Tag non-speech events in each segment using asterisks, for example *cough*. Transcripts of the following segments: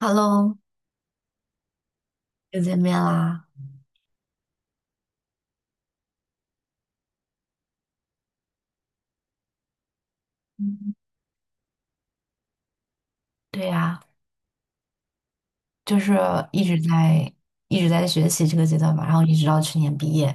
Hello，又见面啦。嗯，对呀，就是一直在一直在学习这个阶段吧，然后一直到去年毕业。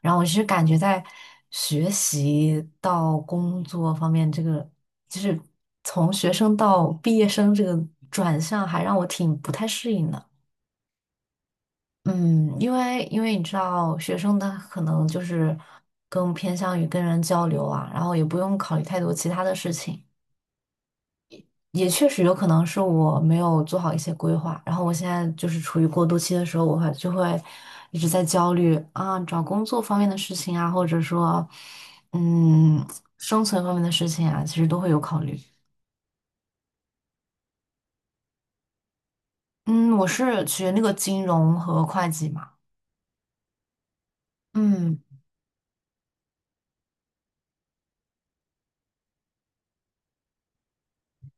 然后我其实感觉在学习到工作方面，这个就是从学生到毕业生这个转向，还让我挺不太适应的。嗯，因为你知道，学生他可能就是更偏向于跟人交流啊，然后也不用考虑太多其他的事情。也确实有可能是我没有做好一些规划，然后我现在就是处于过渡期的时候，我会就会一直在焦虑啊，找工作方面的事情啊，或者说，嗯，生存方面的事情啊，其实都会有考虑。嗯，我是学那个金融和会计嘛。嗯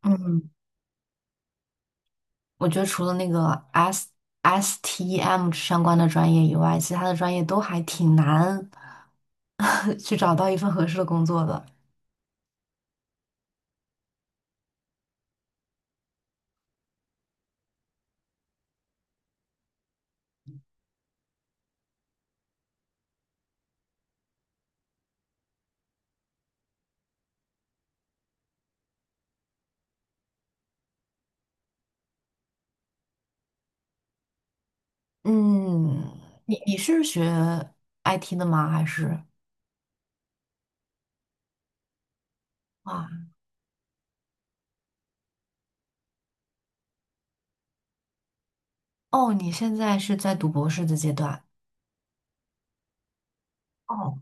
嗯，我觉得除了那个 STEM 相关的专业以外，其他的专业都还挺难 *laughs* 去找到一份合适的工作的。嗯，你是学 IT 的吗？还是啊？哦，你现在是在读博士的阶段。哦，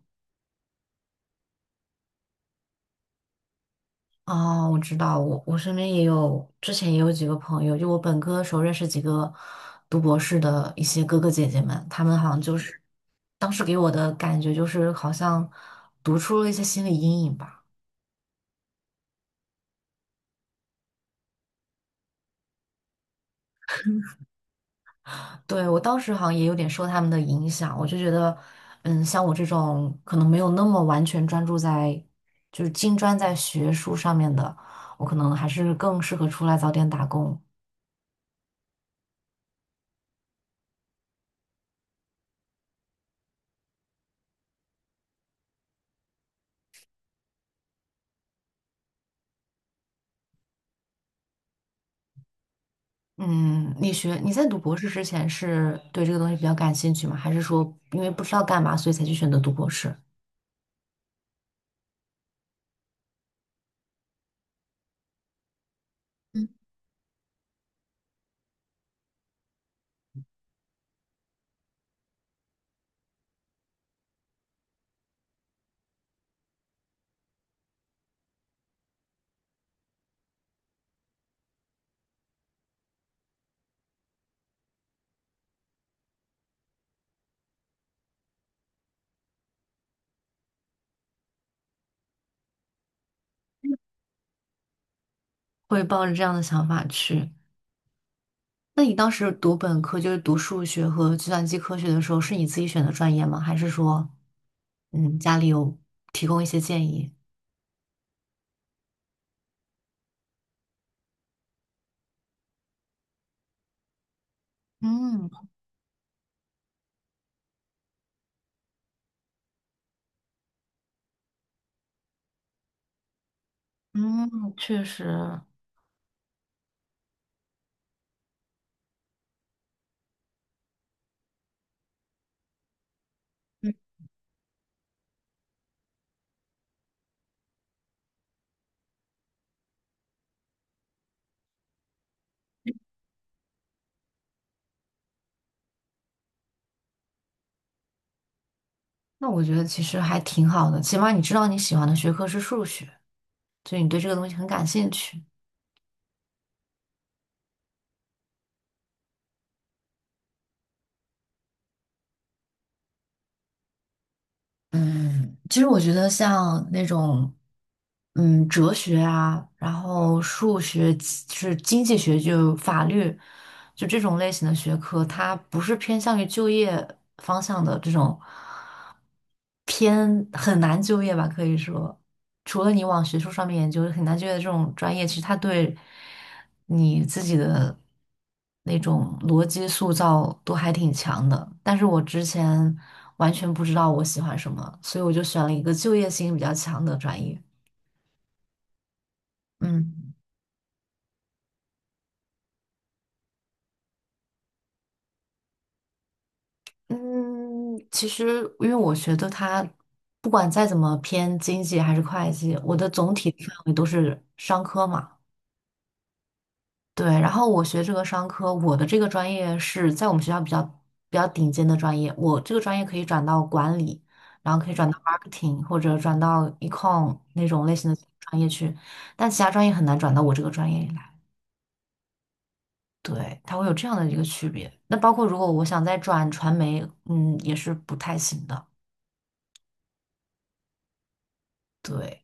哦，我知道，我身边也有，之前也有几个朋友，就我本科的时候认识几个读博士的一些哥哥姐姐们，他们好像就是当时给我的感觉就是好像读出了一些心理阴影吧。对，我当时好像也有点受他们的影响，我就觉得，像我这种可能没有那么完全专注在，就是精专在学术上面的，我可能还是更适合出来早点打工。嗯，你在读博士之前是对这个东西比较感兴趣吗？还是说因为不知道干嘛，所以才去选择读博士？会抱着这样的想法去？那你当时读本科，就是读数学和计算机科学的时候，是你自己选的专业吗？还是说，嗯，家里有提供一些建议？嗯嗯，确实，嗯，那我觉得其实还挺好的，起码你知道你喜欢的学科是数学，所以你对这个东西很感兴趣。嗯其实我觉得像那种，哲学啊，然后数学、是经济学，就法律。就这种类型的学科，它不是偏向于就业方向的这种偏很难就业吧，可以说，除了你往学术上面研究很难就业的这种专业，其实它对你自己的那种逻辑塑造都还挺强的。但是我之前完全不知道我喜欢什么，所以我就选了一个就业性比较强的专业。嗯。嗯，其实因为我学的它，不管再怎么偏经济还是会计，我的总体范围都是商科嘛。对，然后我学这个商科，我的这个专业是在我们学校比较顶尖的专业，我这个专业可以转到管理，然后可以转到 marketing 或者转到 econ 那种类型的专业去，但其他专业很难转到我这个专业里来。对，它会有这样的一个区别。那包括如果我想再转传媒，也是不太行的。对。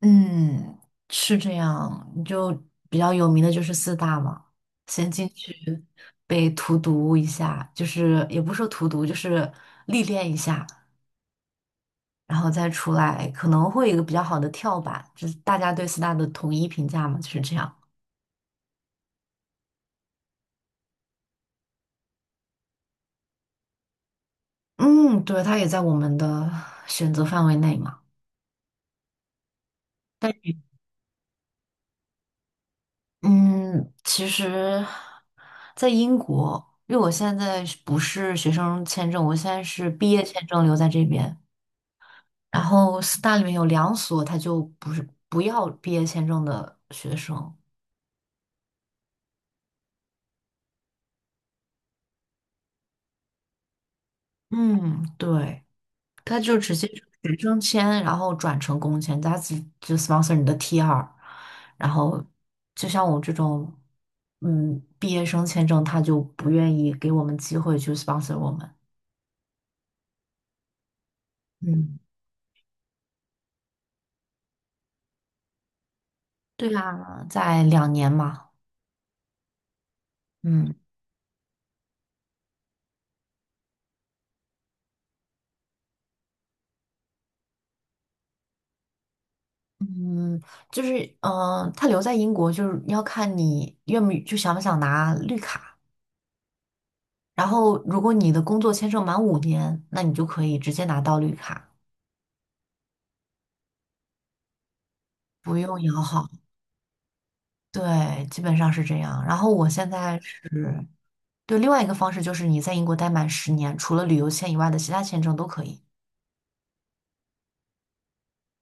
嗯，是这样，你就比较有名的就是四大嘛，先进去被荼毒一下，就是也不是说荼毒，就是历练一下，然后再出来，可能会有一个比较好的跳板，就是大家对四大的统一评价嘛，就是这样。嗯，对，它也在我们的选择范围内嘛。但嗯，其实，在英国，因为我现在是不是学生签证，我现在是毕业签证留在这边。然后四大里面有两所，他就不是不要毕业签证的学生。嗯，对，他就直接就学生签，然后转成工签，他只就 sponsor 你的 T2，然后就像我这种，毕业生签证，他就不愿意给我们机会去 sponsor 我们。嗯，对啊，在2年嘛。嗯嗯，就是他留在英国，就是要看你愿不就想不想拿绿卡。然后，如果你的工作签证满5年，那你就可以直接拿到绿卡，不用摇号。对，基本上是这样。然后我现在是，对，另外一个方式就是你在英国待满10年，除了旅游签以外的其他签证都可以。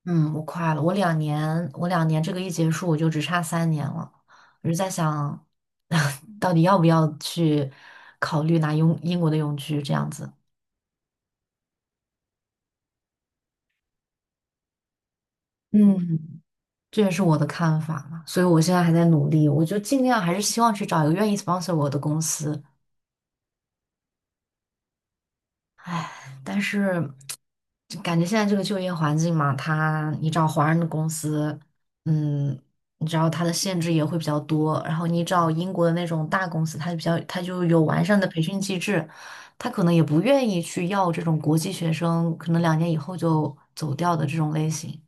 嗯，我快了，我两年这个一结束，我就只差三年了。我就在想，*laughs* 到底要不要去考虑拿英国的永居这样子？嗯，这也是我的看法嘛，所以我现在还在努力，我就尽量还是希望去找一个愿意 sponsor 我的公司。唉，但是就感觉现在这个就业环境嘛，它你找华人的公司，嗯，你知道它的限制也会比较多，然后你找英国的那种大公司，它就比较它就有完善的培训机制，它可能也不愿意去要这种国际学生，可能2年以后就走掉的这种类型。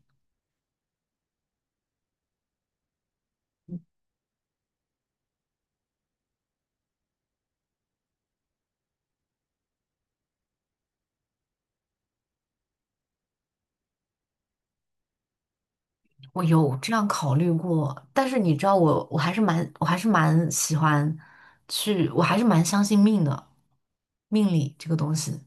我有这样考虑过，但是你知道我，我还是蛮喜欢去，我还是蛮相信命的，命理这个东西。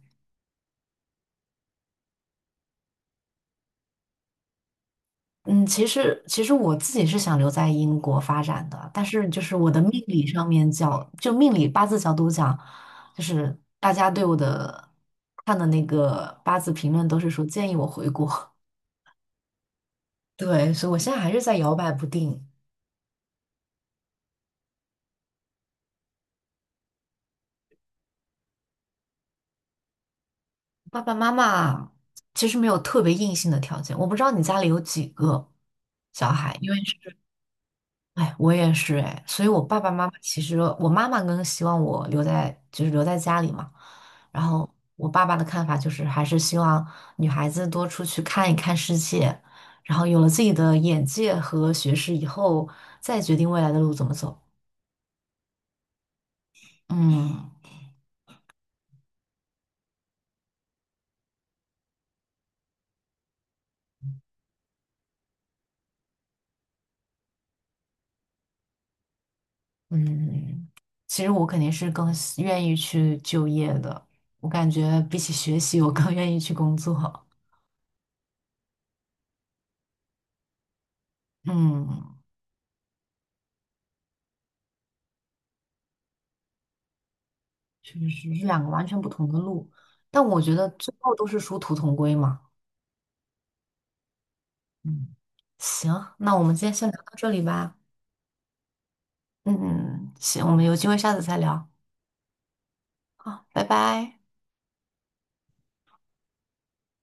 嗯，其实我自己是想留在英国发展的，但是就是我的命理上面角，就命理八字角度讲，就是大家对我的看的那个八字评论都是说建议我回国，*laughs* 对，所以我现在还是在摇摆不定。爸爸妈妈其实没有特别硬性的条件，我不知道你家里有几个小孩，因为是，哎，我也是哎，所以我爸爸妈妈其实我妈妈更希望我留在家里嘛，然后我爸爸的看法就是还是希望女孩子多出去看一看世界，然后有了自己的眼界和学识以后，再决定未来的路怎么走。嗯。嗯，其实我肯定是更喜愿意去就业的，我感觉比起学习，我更愿意去工作。嗯，确实是两个完全不同的路，但我觉得最后都是殊途同归嘛。嗯，行，那我们今天先聊到这里吧。嗯行，我们有机会下次再聊。好，拜拜。